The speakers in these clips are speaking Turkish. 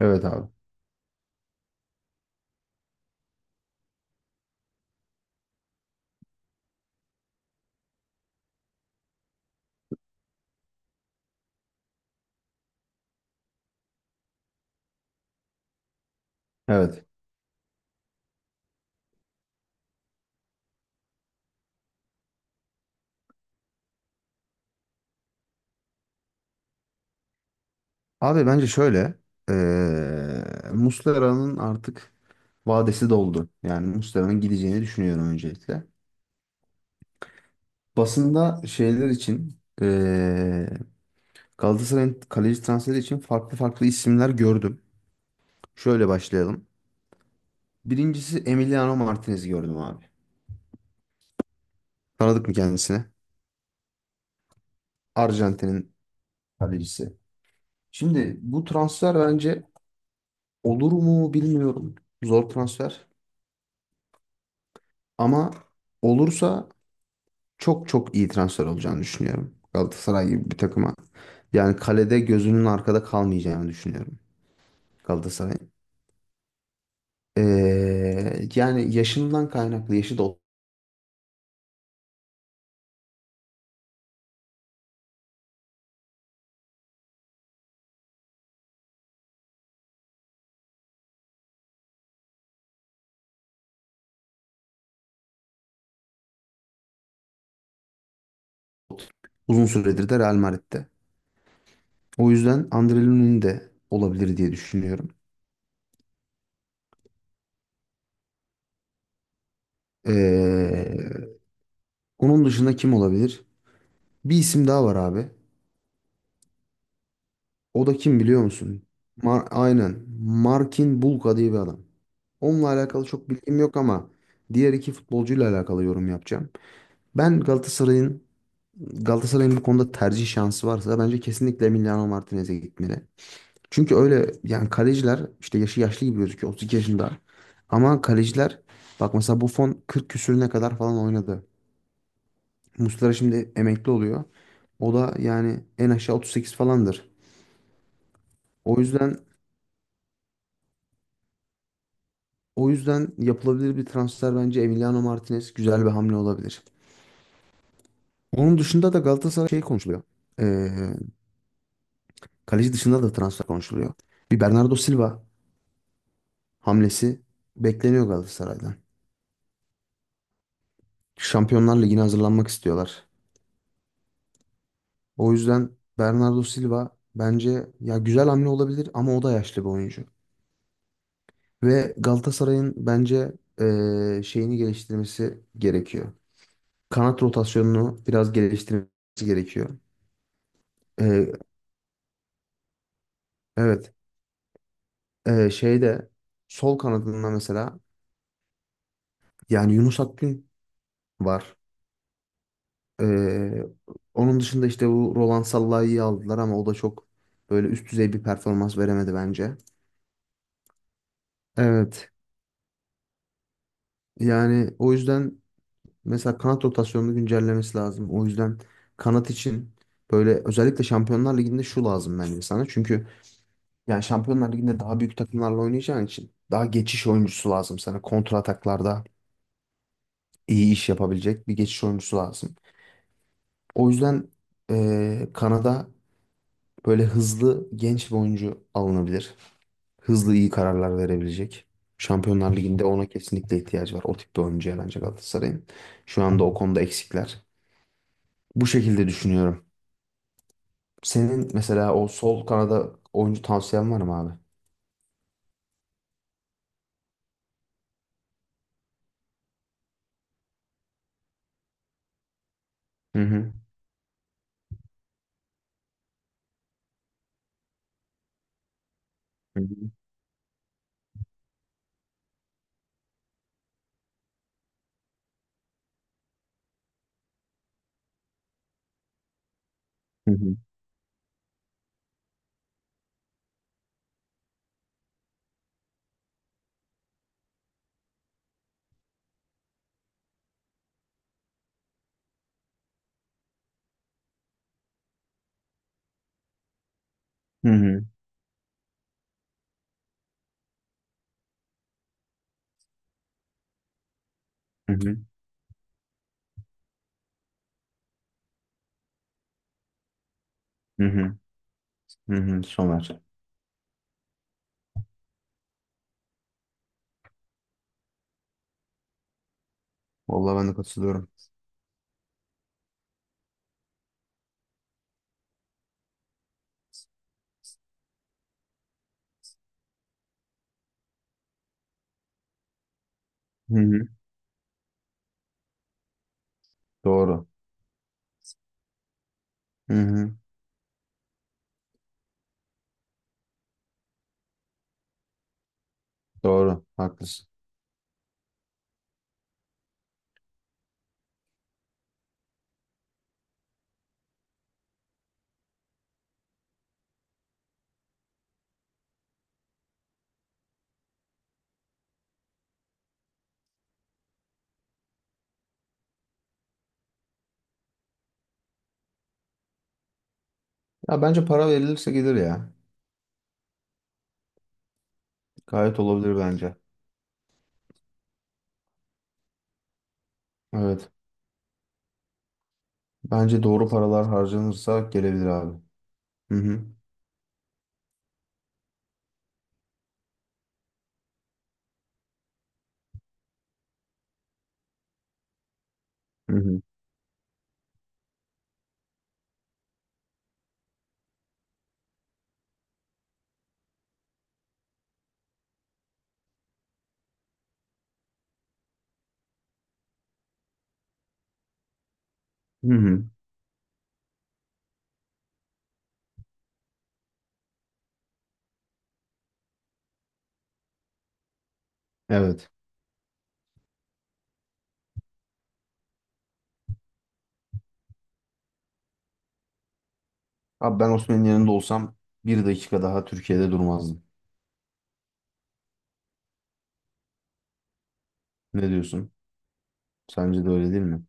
Evet abi. Evet. Abi bence şöyle. Muslera'nın artık vadesi doldu. Yani Muslera'nın gideceğini düşünüyorum öncelikle. Basında şeyler için Galatasaray'ın kaleci transferi için farklı farklı isimler gördüm. Şöyle başlayalım. Birincisi Emiliano Martinez gördüm abi. Tanıdık mı kendisini? Arjantin'in kalecisi. Şimdi bu transfer bence olur mu bilmiyorum. Zor transfer. Ama olursa çok çok iyi transfer olacağını düşünüyorum. Galatasaray gibi bir takıma. Yani kalede gözünün arkada kalmayacağını düşünüyorum Galatasaray'ın. Yani yaşından kaynaklı yaşı da uzun süredir de Real Madrid'de. O yüzden André Lunin de olabilir diye düşünüyorum. Ee, onun dışında kim olabilir? Bir isim daha var abi. O da kim biliyor musun? Aynen. Markin Bulka diye bir adam. Onunla alakalı çok bilgim yok ama diğer iki futbolcuyla alakalı yorum yapacağım. Ben Galatasaray'ın bu konuda tercih şansı varsa bence kesinlikle Emiliano Martinez'e gitmeli. Çünkü öyle yani kaleciler işte yaşı yaşlı gibi gözüküyor 32 yaşında. Ama kaleciler bak mesela Buffon 40 küsürüne kadar falan oynadı. Muslera şimdi emekli oluyor. O da yani en aşağı 38 falandır. O yüzden o yüzden yapılabilir bir transfer bence Emiliano Martinez güzel bir hamle olabilir. Onun dışında da Galatasaray şey konuşuluyor. Ee, kaleci dışında da transfer konuşuluyor. Bir Bernardo Silva hamlesi bekleniyor Galatasaray'dan. Şampiyonlar Ligi'ne hazırlanmak istiyorlar. O yüzden Bernardo Silva bence ya güzel hamle olabilir ama o da yaşlı bir oyuncu. Ve Galatasaray'ın bence şeyini geliştirmesi gerekiyor. Kanat rotasyonunu biraz geliştirmesi gerekiyor. Eee, evet. Şeyde sol kanadında mesela yani Yunus Akgün var. Ee, onun dışında işte bu Roland Sallai'yi aldılar ama o da çok böyle üst düzey bir performans veremedi bence. Evet. Yani o yüzden mesela kanat rotasyonunu güncellemesi lazım. O yüzden kanat için böyle özellikle Şampiyonlar Ligi'nde şu lazım bence sana. Çünkü yani Şampiyonlar Ligi'nde daha büyük takımlarla oynayacağın için daha geçiş oyuncusu lazım sana. Kontra ataklarda iyi iş yapabilecek bir geçiş oyuncusu lazım. O yüzden kanada böyle hızlı genç bir oyuncu alınabilir. Hızlı iyi kararlar verebilecek. Şampiyonlar Ligi'nde ona kesinlikle ihtiyacı var. O tip bir oyuncuya bence Galatasaray'ın. Şu anda o konuda eksikler. Bu şekilde düşünüyorum. Senin mesela o sol kanada oyuncu tavsiyen var mı abi? Hı hı. Hı hı. Hı hı. Hı hı. Hı hı. Hı hı. Somer. Vallahi ben de katılıyorum. Hı hı. Doğru. Hı hı. Doğru. Haklısın. Ya bence para verilirse gelir ya. Gayet olabilir bence. Evet. Bence doğru paralar harcanırsa gelebilir abi. Hı hı. Hı hı. Hı hı. Evet. Abi ben Osman'ın yanında olsam bir dakika daha Türkiye'de durmazdım. Ne diyorsun? Sence de öyle değil mi?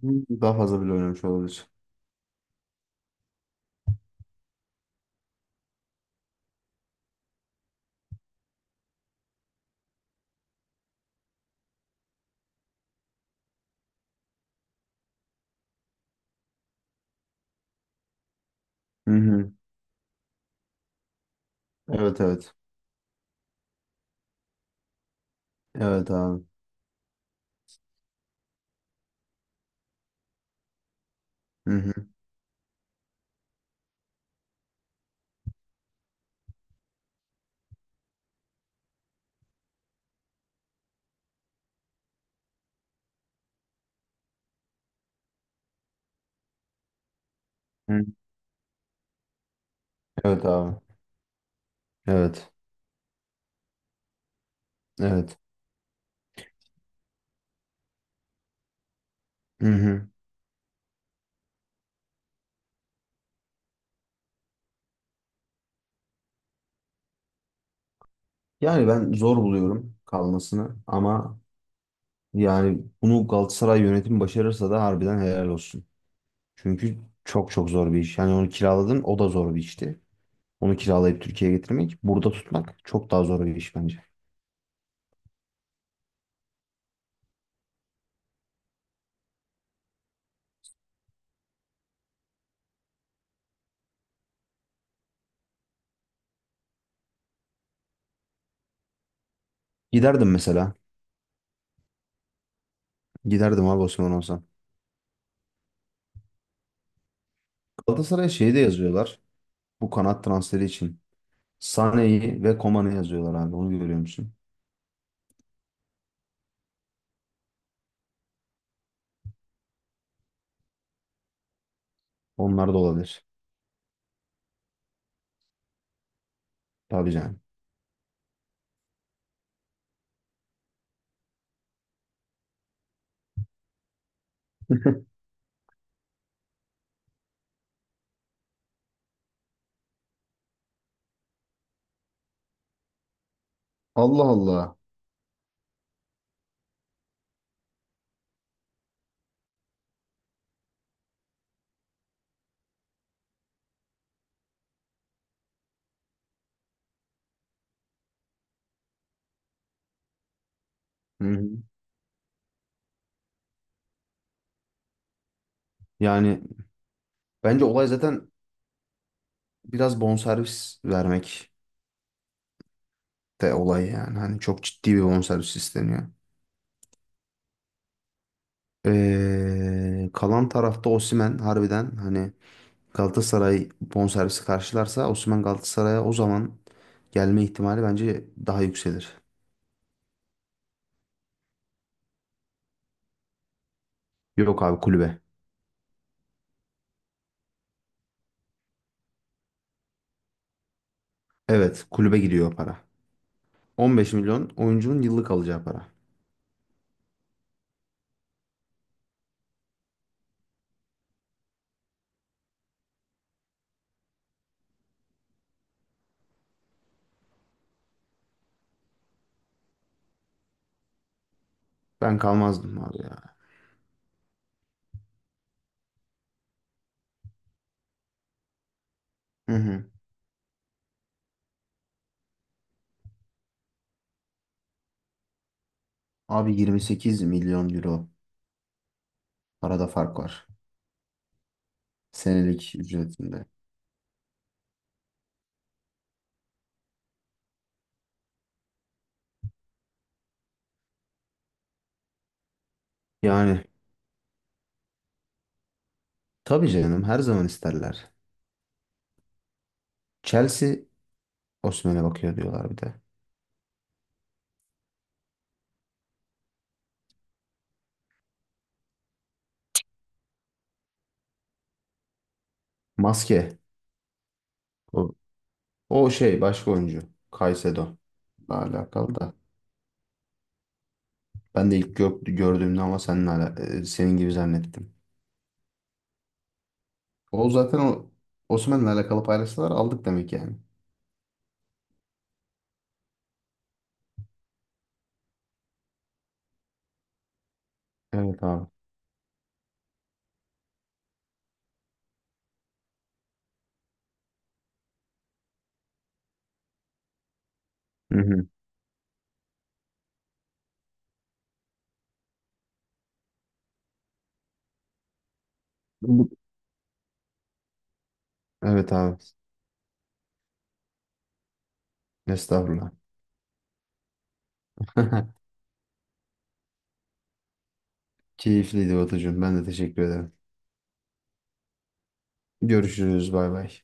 Hı hı. Daha fazla bile oynamış olabilir. Hı hı. Evet evet. Evet abi. Hı hı. Hı. Evet abi. Evet. Evet. Hı hı. Yani ben zor buluyorum kalmasını ama yani bunu Galatasaray yönetimi başarırsa da harbiden helal olsun. Çünkü çok çok zor bir iş. Yani onu kiraladın o da zor bir işti. Onu kiralayıp Türkiye'ye getirmek, burada tutmak çok daha zor bir iş bence. Giderdim mesela. Giderdim abi Osman olsam. Galatasaray'a şey de yazıyorlar. Bu kanat transferi için. Sané'yi ve Koman'ı yazıyorlar abi. Onu görüyor musun? Onlar da olabilir. Tabii canım. Allah Allah. Hı hı. Yani bence olay zaten biraz bonservis vermek de olay yani. Hani çok ciddi bir bonservis isteniyor. Kalan tarafta Osimhen harbiden hani Galatasaray bonservisi karşılarsa Osimhen Galatasaray'a o zaman gelme ihtimali bence daha yükselir. Yok abi kulübe. Evet kulübe gidiyor o para. 15 milyon oyuncunun yıllık alacağı para. Ben kalmazdım abi ya. Hı hı. Abi 28 milyon euro arada fark var. Senelik ücretinde. Yani tabii canım her zaman isterler. Chelsea Osimhen'e bakıyor diyorlar bir de. Maske. O, o şey başka oyuncu. Caicedo. Alakalı da. Ben de ilk gördüğümde ama seninle senin gibi zannettim. O zaten o Osimhen'le alakalı paylaştılar aldık demek yani. Evet abi. Hı hı. Bu- Evet abi. Estağfurullah. Keyifliydi Batucuğum. Ben de teşekkür ederim. Görüşürüz. Bay bay.